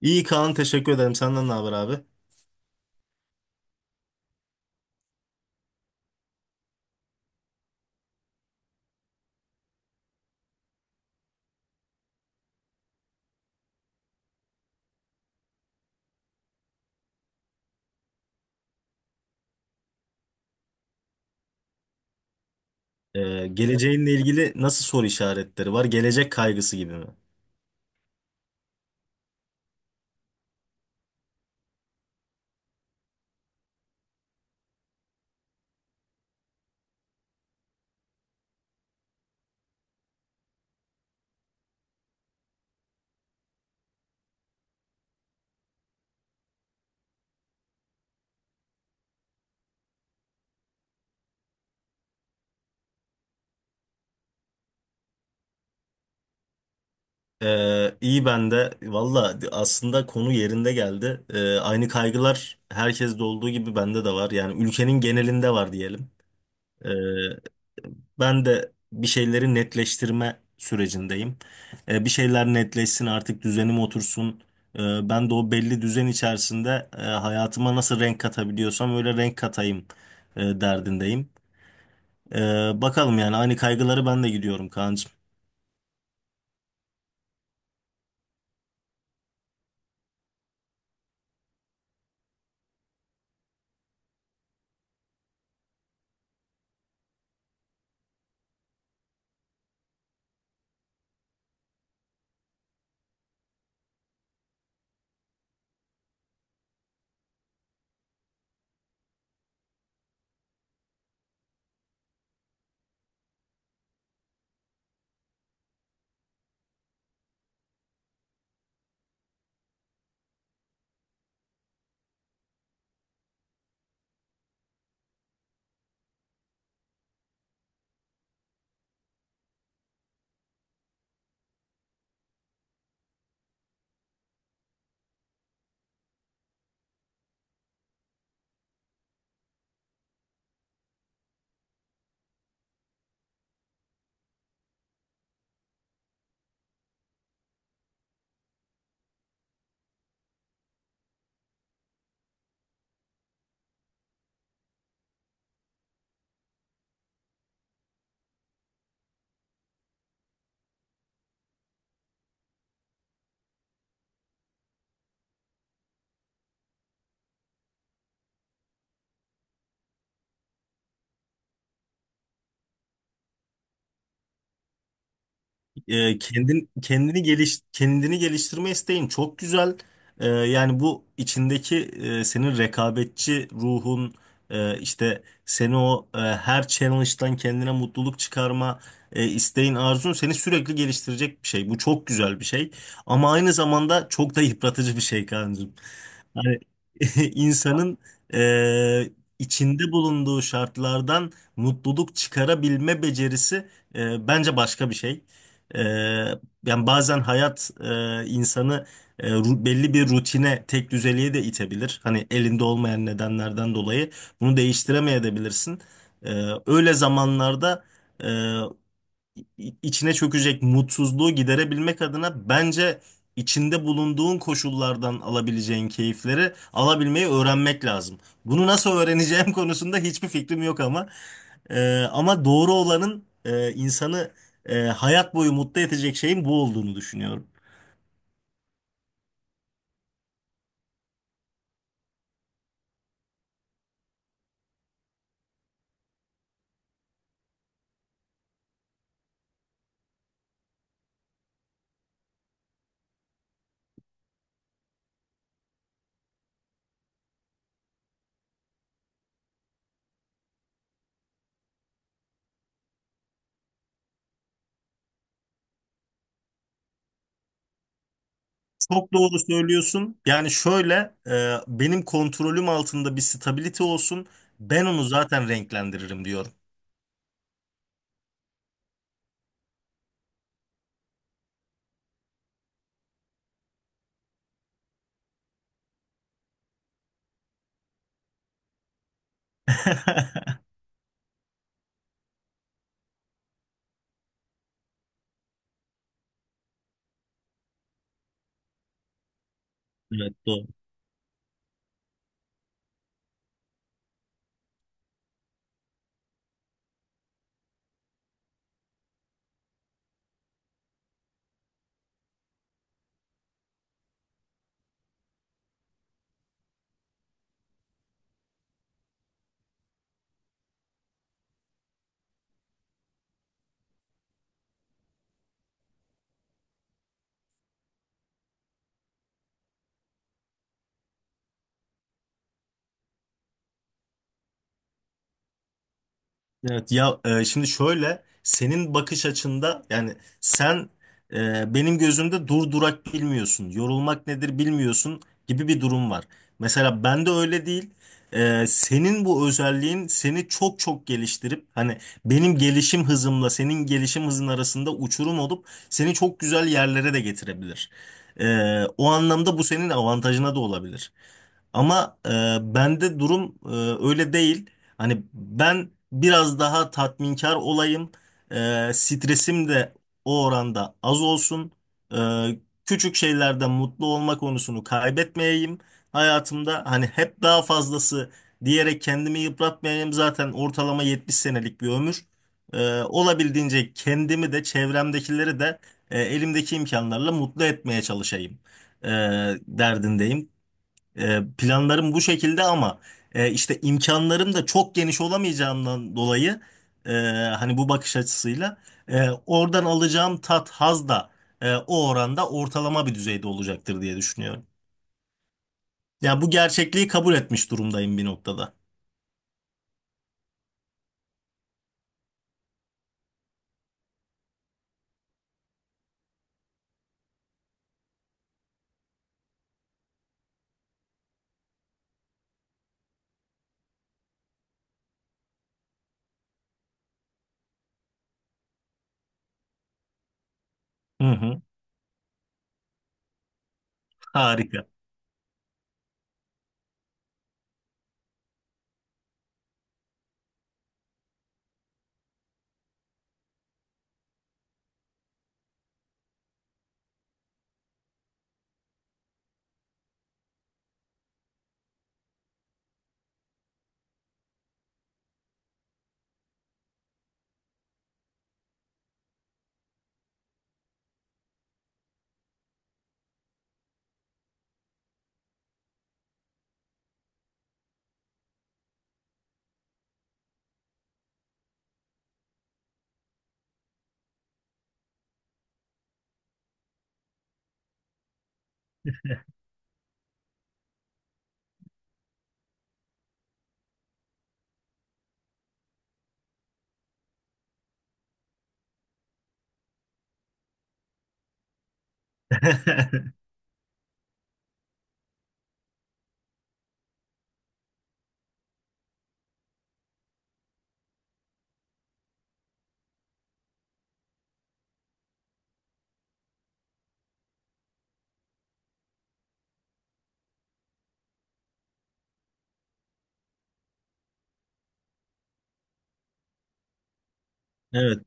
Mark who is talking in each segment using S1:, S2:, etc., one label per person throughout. S1: İyi Kaan teşekkür ederim. Senden ne haber abi? Geleceğinle ilgili nasıl soru işaretleri var? Gelecek kaygısı gibi mi? İyi ben de. Valla aslında konu yerinde geldi. Aynı kaygılar herkeste olduğu gibi bende de var. Yani ülkenin genelinde var diyelim. Ee, Ben de bir şeyleri netleştirme sürecindeyim. Bir şeyler netleşsin artık düzenim otursun. Ben de o belli düzen içerisinde hayatıma nasıl renk katabiliyorsam öyle renk katayım derdindeyim. Bakalım yani aynı kaygıları ben de gidiyorum Kaan'cığım. Kendini geliştirme isteğin çok güzel. Yani bu içindeki senin rekabetçi ruhun işte seni her challenge'dan kendine mutluluk çıkarma isteğin arzun seni sürekli geliştirecek bir şey. Bu çok güzel bir şey. Ama aynı zamanda çok da yıpratıcı bir şey Kaan'cığım. Hani insanın eee, içinde bulunduğu şartlardan mutluluk çıkarabilme becerisi bence başka bir şey. Eee, Yani bazen hayat insanı belli bir rutine, tek düzeliğe de itebilir. Hani elinde olmayan nedenlerden dolayı bunu değiştiremeyebilirsin. Öyle zamanlarda içine çökecek mutsuzluğu giderebilmek adına bence içinde bulunduğun koşullardan alabileceğin keyifleri alabilmeyi öğrenmek lazım. Bunu nasıl öğreneceğim konusunda hiçbir fikrim yok ama ama doğru olanın insanı hayat boyu mutlu edecek şeyin bu olduğunu düşünüyorum. Çok doğru söylüyorsun. Yani şöyle benim kontrolüm altında bir stability olsun. Ben onu zaten renklendiririm diyorum. Evet, doğru. Evet ya şimdi şöyle senin bakış açında yani sen benim gözümde dur durak bilmiyorsun, yorulmak nedir bilmiyorsun gibi bir durum var. Mesela ben de öyle değil. Senin bu özelliğin seni çok çok geliştirip hani benim gelişim hızımla senin gelişim hızın arasında uçurum olup seni çok güzel yerlere de getirebilir. E, O anlamda bu senin avantajına da olabilir. Ama bende durum öyle değil. Hani ben biraz daha tatminkar olayım. Stresim de o oranda az olsun. Ee, Küçük şeylerde mutlu olma konusunu kaybetmeyeyim. Hayatımda hani hep daha fazlası diyerek kendimi yıpratmayayım. Zaten ortalama 70 senelik bir ömür. Olabildiğince kendimi de çevremdekileri de elimdeki imkanlarla mutlu etmeye çalışayım. e, Derdindeyim. Planlarım bu şekilde ama işte imkanlarım da çok geniş olamayacağından dolayı e, hani bu bakış açısıyla oradan alacağım tat, haz da o oranda ortalama bir düzeyde olacaktır diye düşünüyorum. Ya bu gerçekliği kabul etmiş durumdayım bir noktada. Hı hı. Harika. Evet.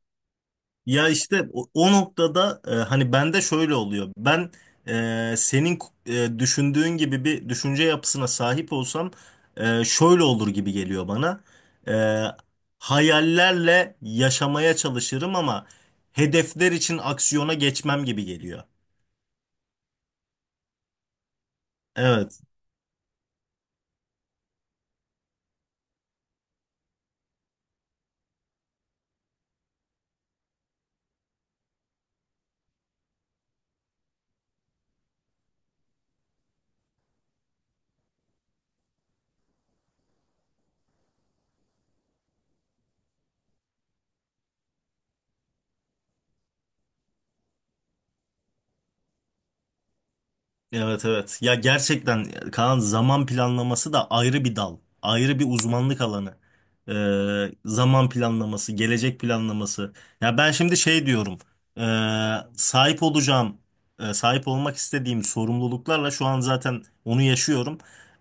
S1: Ya işte o noktada hani bende şöyle oluyor. Ben senin düşündüğün gibi bir düşünce yapısına sahip olsam şöyle olur gibi geliyor bana. E, Hayallerle yaşamaya çalışırım ama hedefler için aksiyona geçmem gibi geliyor. Evet. Evet, evet. Ya gerçekten Kaan, zaman planlaması da ayrı bir dal. Ayrı bir uzmanlık alanı. Zaman planlaması, gelecek planlaması. Ya ben şimdi şey diyorum. ee, sahip olacağım, Sahip olmak istediğim sorumluluklarla şu an zaten onu yaşıyorum.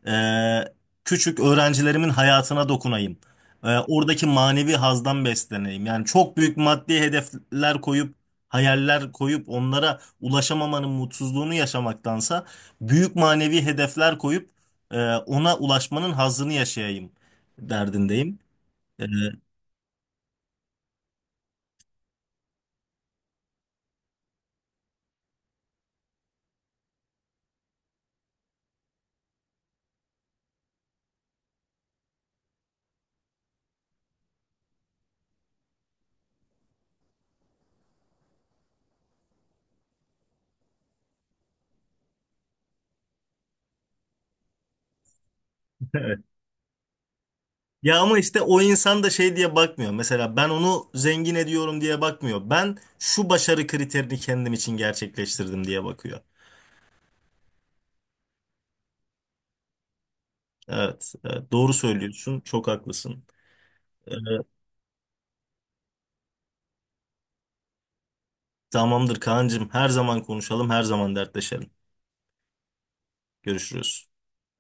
S1: Ee, Küçük öğrencilerimin hayatına dokunayım. Oradaki manevi hazdan besleneyim. Yani çok büyük maddi hedefler koyup, hayaller koyup onlara ulaşamamanın mutsuzluğunu yaşamaktansa büyük manevi hedefler koyup ona ulaşmanın hazzını yaşayayım derdindeyim. E, Evet. Ya ama işte o insan da şey diye bakmıyor. Mesela ben onu zengin ediyorum diye bakmıyor. Ben şu başarı kriterini kendim için gerçekleştirdim diye bakıyor. Evet, evet, doğru söylüyorsun. Çok haklısın. E, Tamamdır Kaan'cığım. Her zaman konuşalım, her zaman dertleşelim. Görüşürüz.